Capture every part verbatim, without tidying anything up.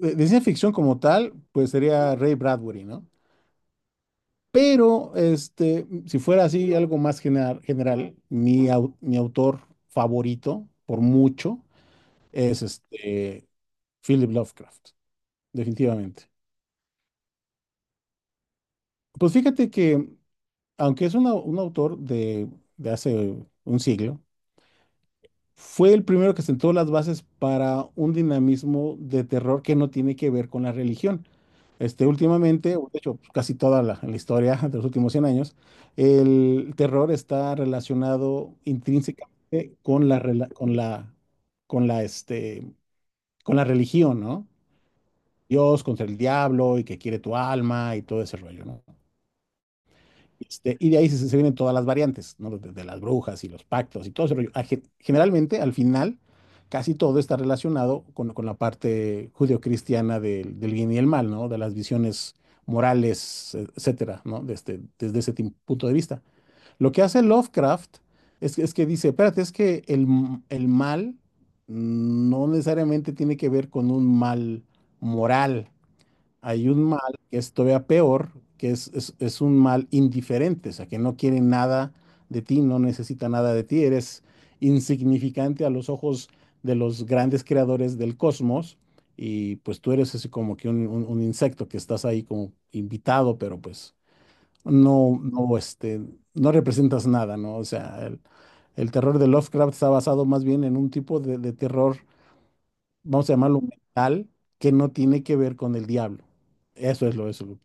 de, de ciencia ficción como tal, pues sería Ray Bradbury, ¿no? Pero, este, si fuera así, algo más general, general mi, au- mi autor favorito, por mucho, es este, Philip Lovecraft, definitivamente. Pues fíjate que, aunque es una- un autor de, de hace un siglo, fue el primero que sentó las bases para un dinamismo de terror que no tiene que ver con la religión. Este, últimamente, o de hecho, pues, casi toda la, la historia de los últimos cien años, el terror está relacionado intrínsecamente con la, rela- con la, con la, este, con la religión, ¿no? Dios contra el diablo y que quiere tu alma y todo ese rollo, ¿no? Este, y de ahí se, se vienen todas las variantes, ¿no? De, de las brujas y los pactos y todo ese rollo. Ah, ge- Generalmente, al final, casi todo está relacionado con, con la parte judio-cristiana del, del bien y el mal, ¿no? De las visiones morales, e- etcétera, ¿no? Desde, desde ese tim- punto de vista. Lo que hace Lovecraft es, es que dice, espérate, es que el, m- el mal no necesariamente tiene que ver con un mal moral. Hay un mal que es todavía peor, que es, es, es un mal indiferente, o sea, que no quiere nada de ti, no necesita nada de ti, eres insignificante a los ojos de los grandes creadores del cosmos, y pues tú eres así como que un, un- un insecto que estás ahí como invitado, pero pues no, no, este, no representas nada, ¿no? O sea, el, el terror de Lovecraft está basado más bien en un tipo de de terror, vamos a llamarlo mental, que no tiene que ver con el diablo. Eso es lo, eso. Es lo-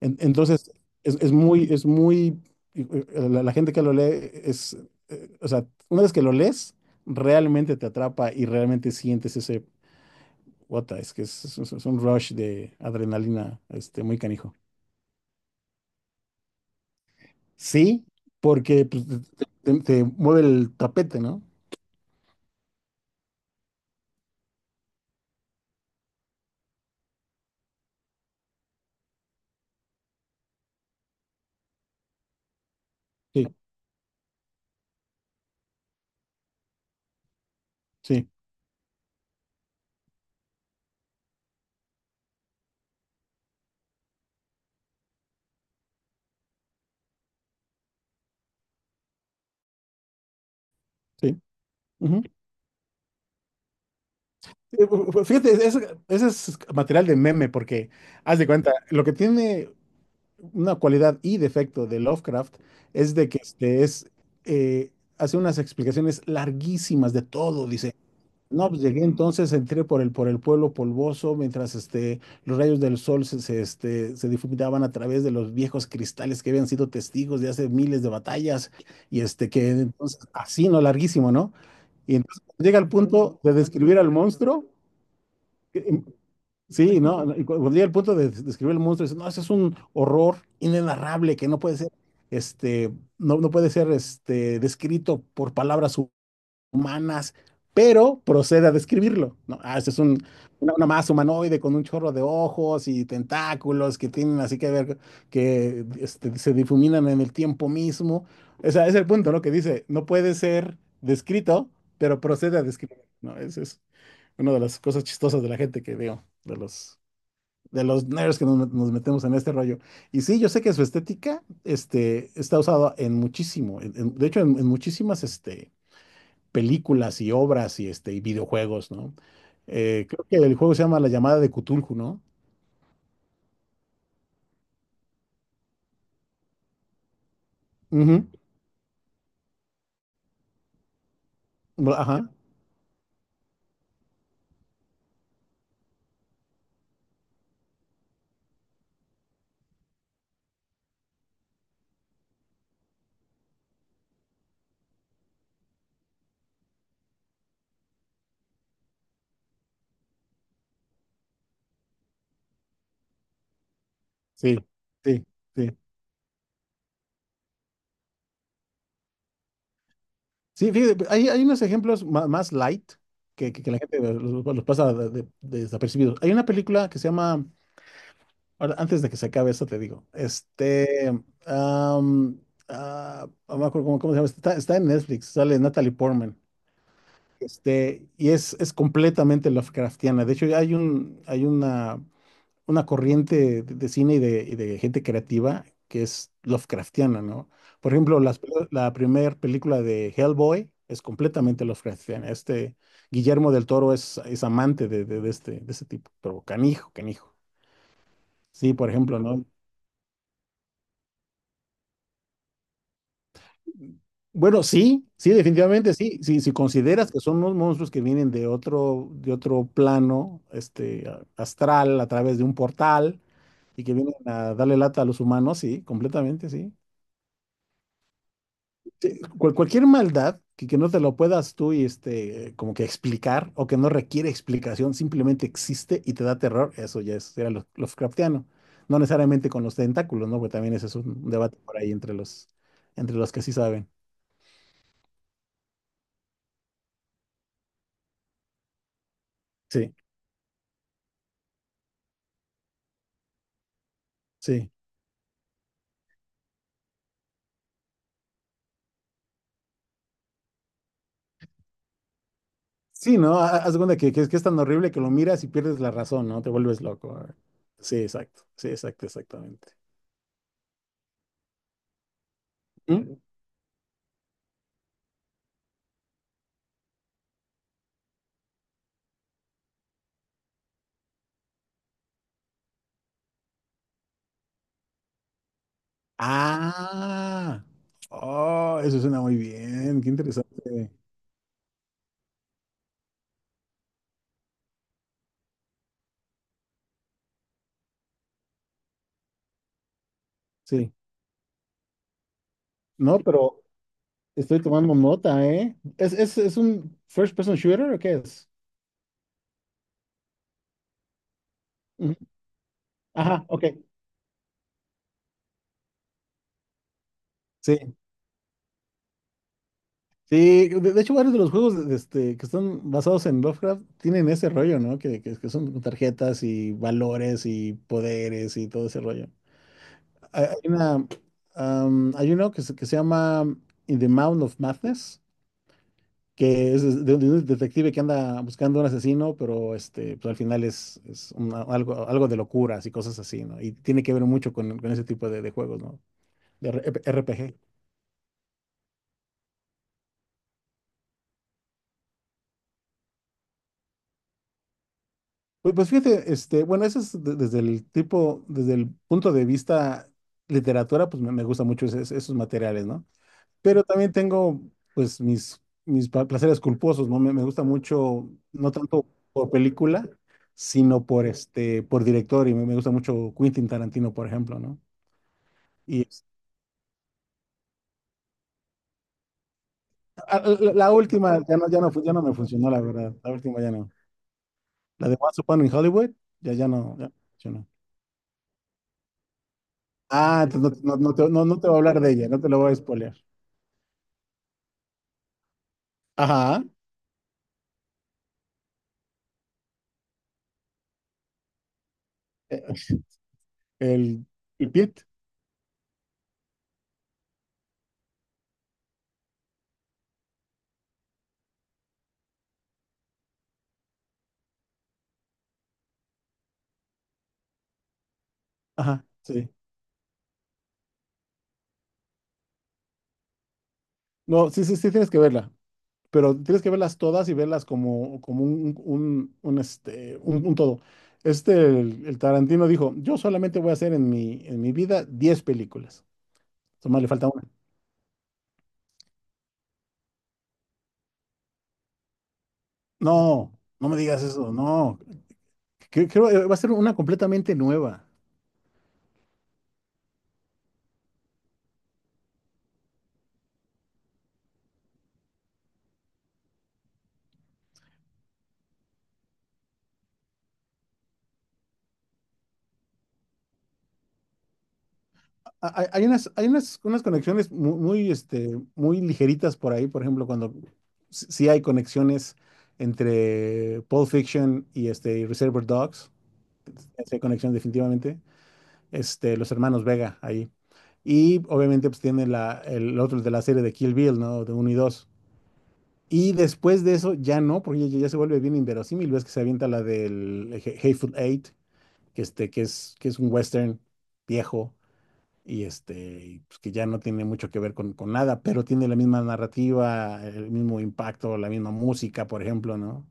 en- entonces, es, es muy, es muy, la, la gente que lo lee es, eh, o sea, una vez que lo lees, realmente te atrapa y realmente sientes ese, what es que es, es- es un rush de adrenalina, este, muy canijo. Sí, porque pues, te, te- te mueve el tapete, ¿no? Sí, sí, sí. Ujú. Eh, bu- bu- Fíjate, ese, ese es material de meme porque, haz de cuenta, lo que tiene una cualidad y defecto de Lovecraft es de que este es, eh, hace unas explicaciones larguísimas de todo. Dice, no, pues llegué entonces, entré por el, por el pueblo polvoso mientras este, los rayos del sol se, se, este, se difuminaban a través de los viejos cristales que habían sido testigos de hace miles de batallas y este, que entonces, así, no, larguísimo, ¿no? Y entonces llega al punto de describir al monstruo. Sí, ¿no? Y cu- cuando llega el punto de des- describir el monstruo, dice, no, ese es un horror inenarrable que no puede ser, este, no, no puede ser, este, descrito por palabras humanas, pero procede a describirlo, ¿no? Ah, este es un, una, una masa humanoide con un chorro de ojos y tentáculos que tienen así que ver, que este, se difuminan en el tiempo mismo. O sea, es el punto, ¿no? Que dice, no puede ser descrito, pero procede a describir, ¿no? Esa es una de las cosas chistosas de la gente que veo, de los... De los nerds que nos, nos metemos en este rollo. Y sí, yo sé que su estética este, está usada en muchísimo, en- en- de hecho, en, en muchísimas este, películas y obras y, este, y videojuegos, ¿no? Eh, creo que el juego se llama La llamada de Cthulhu, ¿no? Ujú, bu- ajá, sí, sí, sí. Sí, fíjate, pues, hay, hay unos ejemplos ma- más, light que, que- que la gente los, los pasa de- de- desapercibidos. Hay una película que se llama, ahora, antes de que se acabe esto te digo, este, am, ah, no me acuerdo cómo, cómo se llama, está, está en Netflix, sale Natalie Portman. Este, y es, es completamente Lovecraftiana. De hecho, hay un, hay una una corriente de, de cine y de, y de gente creativa que es Lovecraftiana, ¿no? Por ejemplo, las pel- la primera película de Hellboy es completamente Lovecraftiana. Este Guillermo del Toro es, es amante de, de, de este, de este tipo, pero canijo, canijo. Sí, por ejemplo, ¿no? Bueno, sí, sí, definitivamente sí. Sí, si consideras que son unos monstruos que vienen de otro, de otro plano, este, a- astral, a través de un portal y que vienen a darle lata a los humanos, sí, completamente, sí. Sí, cual- cualquier maldad que, que no te lo puedas tú y este, como que explicar o que no requiere explicación, simplemente existe y te da terror, eso ya es, era lo- Lovecraftiano. No necesariamente con los tentáculos, ¿no? Porque también ese es un debate por ahí entre los, entre los que sí saben. Sí, sí. Sí, ¿no? Ha- Haz de cuenta que, que es, que es tan horrible que lo miras y pierdes la razón, ¿no? Te vuelves loco. Ah, sí, exacto. Sí, exacto, exactamente. ¿Mm? Ah, oh, eso suena muy bien. Qué interesante. Sí. No, pero estoy tomando nota, ¿eh? ¿Es, es, es un first person shooter o qué es? Ujú. Ajá, ok. Sí. Sí, de, de hecho varios de los juegos este, que están basados en Lovecraft tienen ese rollo, ¿no? Que, que, que son tarjetas y valores y poderes y todo ese rollo. Hay hay una, am, hay uno que se, que se llama In the Mound of Madness, que es de un, de un detective que anda buscando un asesino, pero este, pues al final es, es una- algo, algo de locuras y cosas así, ¿no? Y tiene que ver mucho con, con ese tipo de, de juegos, ¿no? De R- RPG. Pues, pues fíjate, este, bueno, eso es de- desde el tipo, desde el punto de vista literatura, pues me, me gusta mucho ese- ese- esos materiales, ¿no? Pero también tengo, pues, mis, mis pa- placeres culposos, ¿no? Me, me gusta mucho, no tanto por película, sino por este, por director, y me, me gusta mucho Quentin Tarantino, por ejemplo, ¿no? Y es- ah, la, la- última ya no, ya no, fu- ya no me funcionó, la verdad. La última ya no. La de Once Upon in Hollywood, ya, ya no, ya no funcionó. Ah, entonces no, no, no te, no, no te voy a hablar de ella, no te lo voy a spoilear. Ajá. Eh, El, el Pit. Ajá, sí. No, sí, sí, sí, tienes que verla. Pero tienes que verlas todas y verlas como, como un, un, un, este, un, un todo. Este, el, el Tarantino dijo, yo solamente voy a hacer en mi, en mi vida diez películas. Tomás, le falta una. No, no me digas eso, no. Cre- Creo que va a ser una completamente nueva. A- Hay, hay unas, hay unas, unas conexiones mu- muy, este, muy ligeritas por ahí, por ejemplo, cuando s- sí hay conexiones entre Pulp Fiction y este, Reservoir Dogs. Sí hay conexión definitivamente. este, los hermanos Vega ahí. Y obviamente pues tiene la, el otro de la serie de Kill Bill, ¿no? De uno y dos. Y después de eso ya no, porque ya, ya se vuelve bien inverosímil, ves que se avienta la del He- Hateful Eight, que, este, que, es, que es un western viejo y este, pues, que ya no tiene mucho que ver con, con nada, pero tiene la misma narrativa, el mismo impacto, la misma música, por ejemplo, ¿no?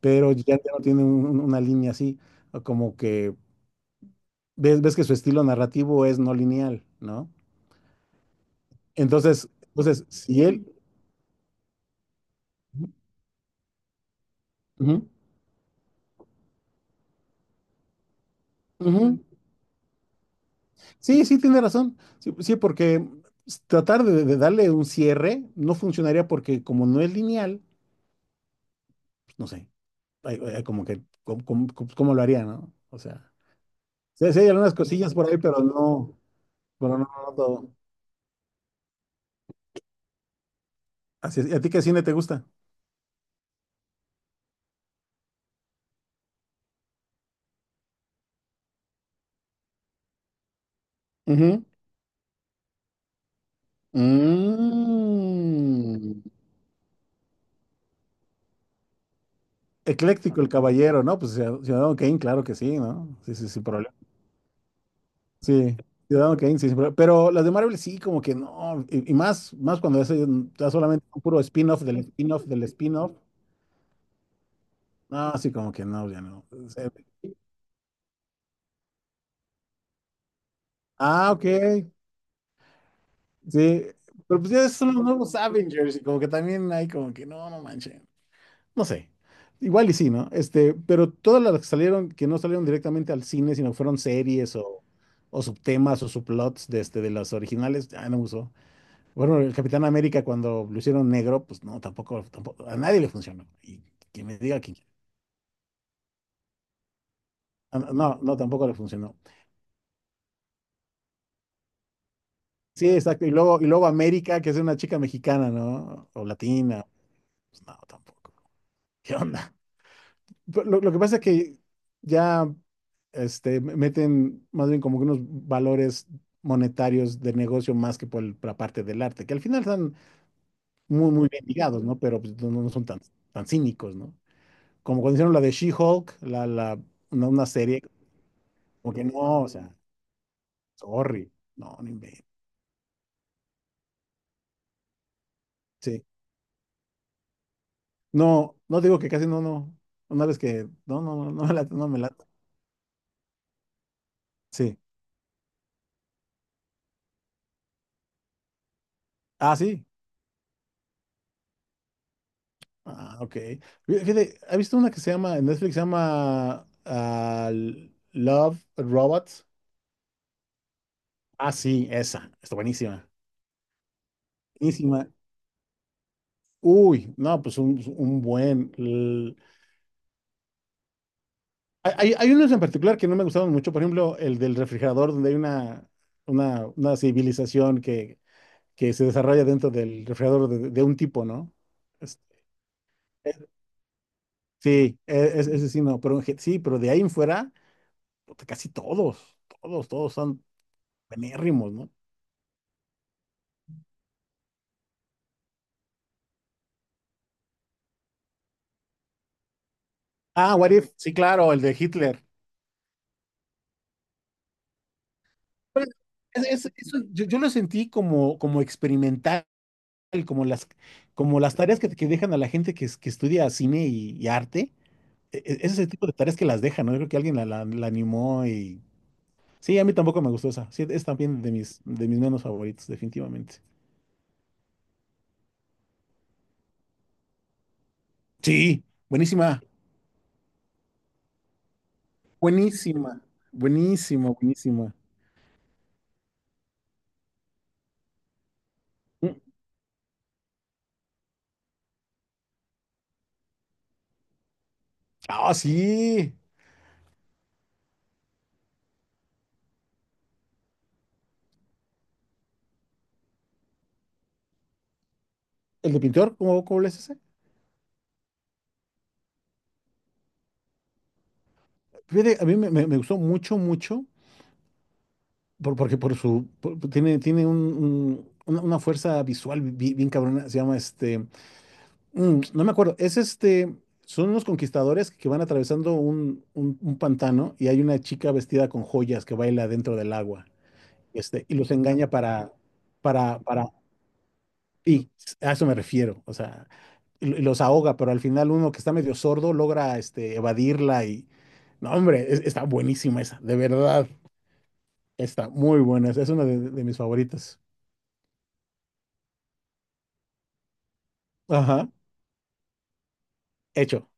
Pero ya, ya no tiene un- una línea así, como que ves, ves que su estilo narrativo es no lineal, ¿no? Entonces, entonces, si él... Ujú, ujú. Sí, sí, tiene razón. Sí, sí, porque tratar de, de darle un cierre no funcionaría porque como no es lineal, pues, no sé, hay- hay como que, ¿cómo, cómo- cómo- cómo lo haría, no? O sea, sí, sí hay algunas cosillas por ahí, pero no, pero no, no todo. Así es. ¿Y a ti qué cine te gusta? Ujú. Mm. Ecléctico el caballero, ¿no? Pues Ciudad- Ciudadano Kane, claro que sí, ¿no? Sí, sí, sí, sí, Ciudadano Kane, sí, sí, pero, pero las de Marvel sí, como que no, y, y más, más cuando es eh, ya solamente un puro spin-off del spin-off del spin-off, no, sí, como que no, ya no. O ah, ok, sí, pero pues ya son los nuevos Avengers y como que también hay como que no, no manchen, no sé, igual y sí, ¿no? Este, pero todas las que salieron, que no salieron directamente al cine, sino que fueron series o, o subtemas o subplots de, este, de las originales, ya no me gustó. Bueno, el Capitán América cuando lo hicieron negro, pues no, tampoco, tampoco, a nadie le funcionó. Y que me diga quién. Ah, no, no, no, tampoco le funcionó. Sí, exacto. Y luego, y luego América, que es una chica mexicana, ¿no? O latina. Pues no, tampoco. ¿Qué onda? Pero Lo, lo que pasa es que ya este, me- meten más bien como que unos valores monetarios de negocio más que por el- por la parte del arte, que al final están muy, muy bien ligados, ¿no? Pero pues, no, no son tan, tan cínicos, ¿no? Como cuando hicieron la de She-Hulk, la, la, una, una serie, como que no, o sea, sorry, no, no inventes. Sí, no, no digo que casi no, no, una vez que, no, no, no, no me late, no me late. Sí, ah, sí, ah, ok. Fíjate, ¿has visto una que se llama, en Netflix se llama ah, Love Robots? Ah, sí, esa, está buenísima, buenísima. Uy, no, pues un, un buen. Hay, hay unos en particular que no me gustaron mucho, por ejemplo, el del refrigerador, donde hay una, una, una civilización que, que se desarrolla dentro del refrigerador de, de un tipo, ¿no? Es- es- sí, e- es- ese sí, no, pero en gen- sí, pero de ahí en fuera, puta, casi todos, todos, todos son penérrimos, ¿no? Ah, What If, sí, claro, el de Hitler. Pues, es- es- eso yo, yo lo sentí como, como experimental, como las, como las tareas que, que dejan a la gente que, es- que estudia cine y y arte. E- e- ese tipo de tareas que las dejan, ¿no? Yo creo que alguien la, la- la animó y... Sí, a mí tampoco me gustó esa. Sí, es también de mis, de mis menos favoritos, definitivamente. Sí, buenísima. Buenísima. Buenísima, buenísima. Mm. Ah, sí. El de pintor, ¿cómo, cómo le es ese? Fíjate, a mí me, me- me gustó mucho, mucho, por- porque por su... por- por- tiene, tiene un- un- una, una fuerza visual bi- bien, cabrona. Se llama este... Mm, no me acuerdo. Es este. Son unos conquistadores que van atravesando un, un- un pantano y hay una chica vestida con joyas que baila dentro del agua. Este, y los engaña para, para, para. Y a eso me refiero. O sea, y lo- y los ahoga, pero al final uno que está medio sordo logra este, evadirla y. No, hombre, es- está buenísima esa, de verdad. Está muy buena. Esa es una de, de mis favoritas. Ajá. Hecho.